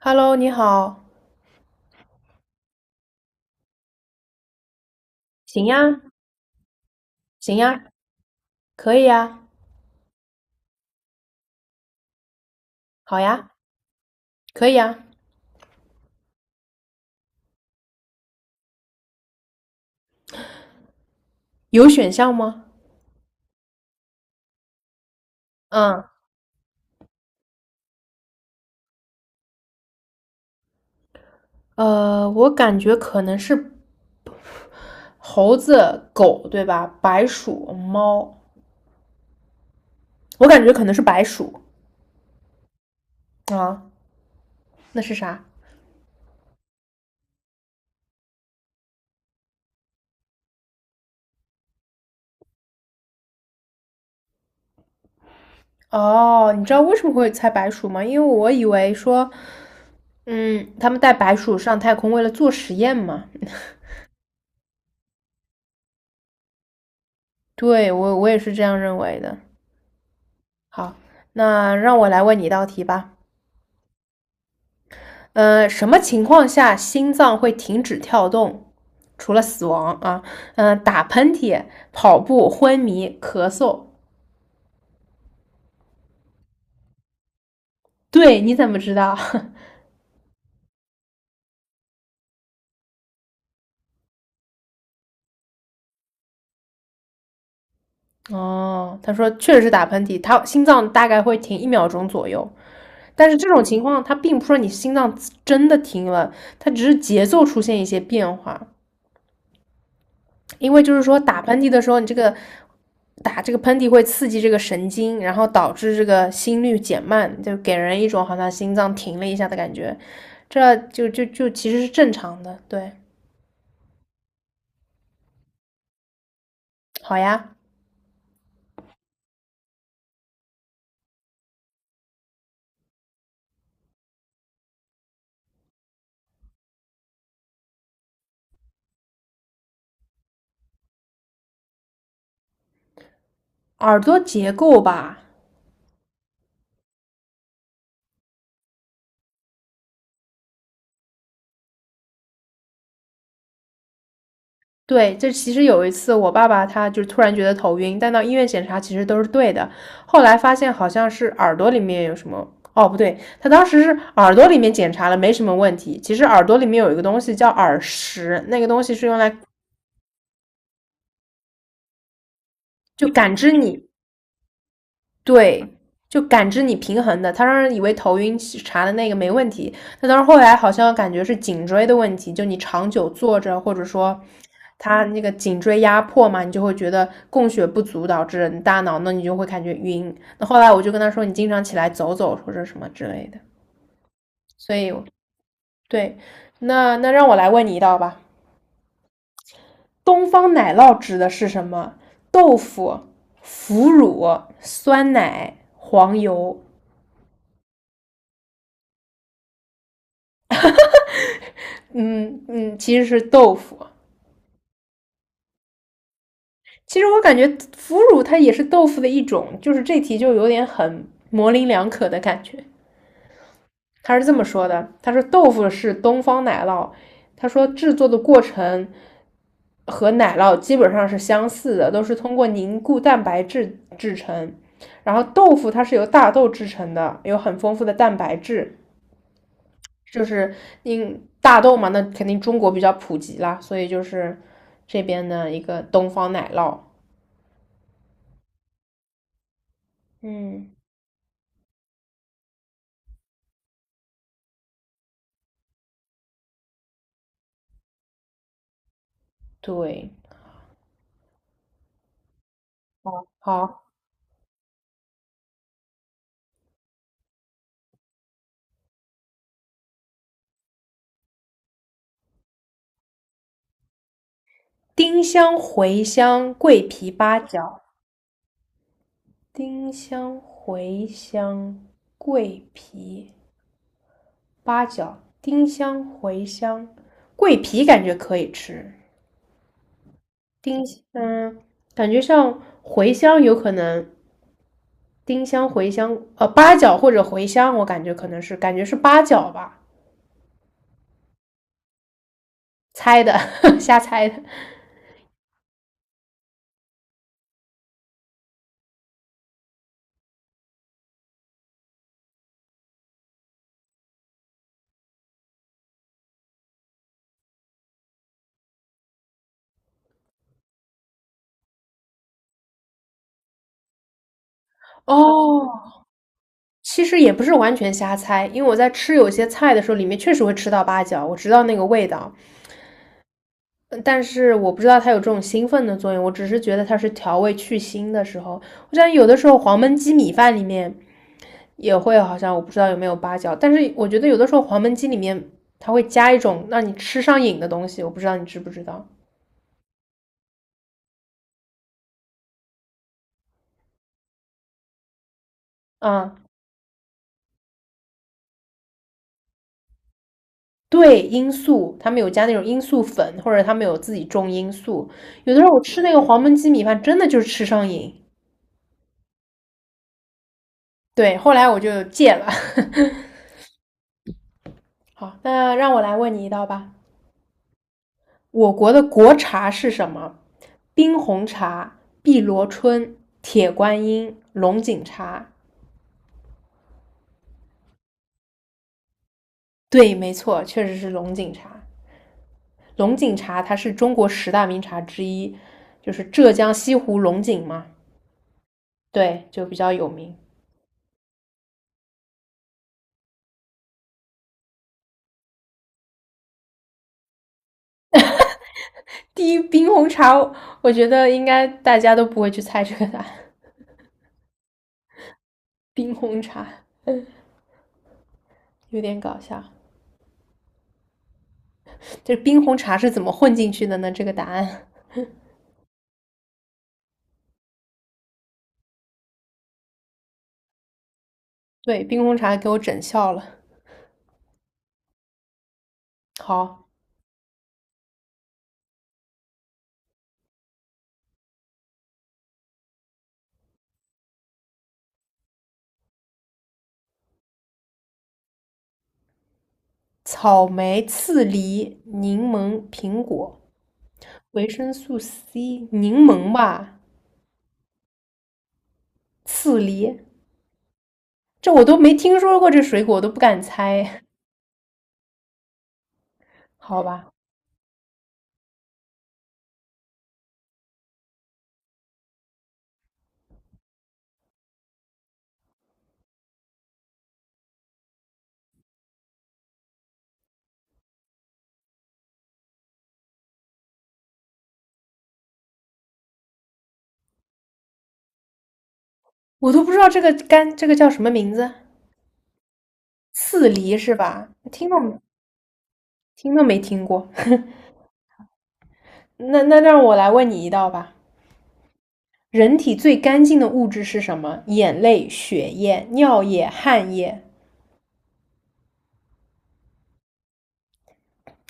Hello，你好，行呀，行呀，可以呀，好呀，可以呀，有选项吗？嗯，我感觉可能是猴子、狗，对吧？白鼠、猫，我感觉可能是白鼠。啊，那是啥？哦，你知道为什么会猜白鼠吗？因为我以为说，嗯，他们带白鼠上太空为了做实验嘛。对，我也是这样认为的。好，那让我来问你一道题吧。什么情况下心脏会停止跳动？除了死亡啊，嗯、打喷嚏、跑步、昏迷、咳嗽。对，你怎么知道？哦，他说确实是打喷嚏，他心脏大概会停一秒钟左右。但是这种情况，它并不是说你心脏真的停了，它只是节奏出现一些变化。因为就是说打喷嚏的时候，你这个打这个喷嚏会刺激这个神经，然后导致这个心率减慢，就给人一种好像心脏停了一下的感觉，这就其实是正常的。对，好呀，耳朵结构吧。对，这其实有一次我爸爸他就突然觉得头晕，但到医院检查其实都是对的，后来发现好像是耳朵里面有什么。哦，不对，他当时是耳朵里面检查了，没什么问题。其实耳朵里面有一个东西叫耳石，那个东西是用来就感知你。对，就感知你平衡的。他当时以为头晕查的那个没问题，那当时后来好像感觉是颈椎的问题，就你长久坐着，或者说他那个颈椎压迫嘛，你就会觉得供血不足导致你大脑，那你就会感觉晕。那后来我就跟他说，你经常起来走走或者什么之类的。所以对，那让我来问你一道吧，东方奶酪指的是什么？豆腐、腐乳、酸奶、黄油。嗯嗯，其实是豆腐。其实我感觉腐乳它也是豆腐的一种，就是这题就有点很模棱两可的感觉。他是这么说的：他说豆腐是东方奶酪，他说制作的过程和奶酪基本上是相似的，都是通过凝固蛋白质制成。然后豆腐它是由大豆制成的，有很丰富的蛋白质。就是因大豆嘛，那肯定中国比较普及啦，所以就是这边的一个东方奶酪。嗯，对，好，丁香、茴香、桂皮、八角，丁香、茴香、桂皮、八角，丁香、茴香、桂皮感觉可以吃，丁嗯，感觉像茴香有可能，丁香、茴香，八角或者茴香，我感觉可能是感觉是八角吧。猜的，瞎猜的。哦，其实也不是完全瞎猜，因为我在吃有些菜的时候，里面确实会吃到八角，我知道那个味道，但是我不知道它有这种兴奋的作用，我只是觉得它是调味去腥的时候。我想有的时候黄焖鸡米饭里面也会，好像我不知道有没有八角，但是我觉得有的时候黄焖鸡里面它会加一种让你吃上瘾的东西，我不知道你知不知道。嗯，对，罂粟，他们有加那种罂粟粉，或者他们有自己种罂粟。有的时候我吃那个黄焖鸡米饭，真的就是吃上瘾。对，后来我就戒了。好，那让我来问你一道吧。我国的国茶是什么？冰红茶、碧螺春、铁观音、龙井茶。对，没错，确实是龙井茶。龙井茶它是中国十大名茶之一，就是浙江西湖龙井嘛，对，就比较有名。第一，冰红茶，我觉得应该大家都不会去猜这个答案。冰红茶有点搞笑，这冰红茶是怎么混进去的呢？这个答案，对，冰红茶给我整笑了。好，草莓、刺梨、柠檬、苹果、维生素 C，柠檬吧，刺梨，这我都没听说过这水果，我都不敢猜，好吧，我都不知道这个干这个叫什么名字，刺梨是吧？听都没听过。那让我来问你一道吧。人体最干净的物质是什么？眼泪、血液、尿液、汗液。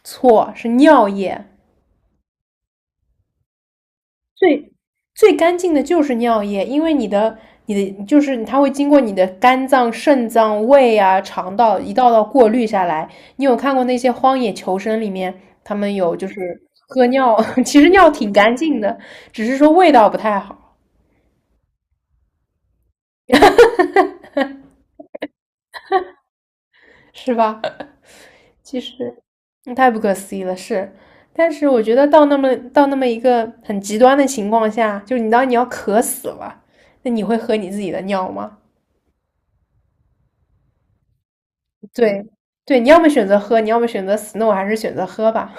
错，是尿液。最最干净的就是尿液，因为你的就是它会经过你的肝脏、肾脏、胃啊、肠道一道道过滤下来。你有看过那些荒野求生里面，他们有就是喝尿，其实尿挺干净的，只是说味道不太好，是吧？其实，嗯太不可思议了，是。但是我觉得到那么一个很极端的情况下，就是你当你要渴死了，那你会喝你自己的尿吗？对，对，你要么选择喝，你要么选择死，那我还是选择喝吧。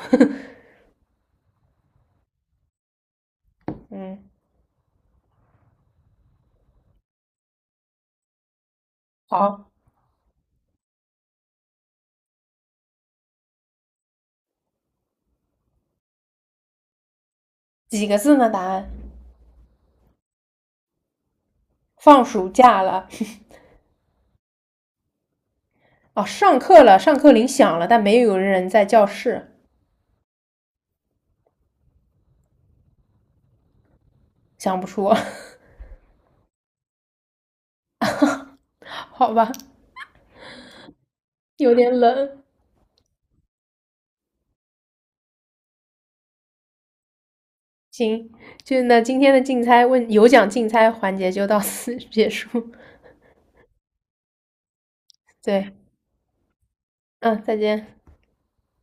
嗯，好，几个字呢？答案，放暑假了，哦，上课了，上课铃响了，但没有人在教室，想不出，好吧，有点冷。行，就那今天的竞猜问有奖竞猜环节就到此结束。对，嗯，再见。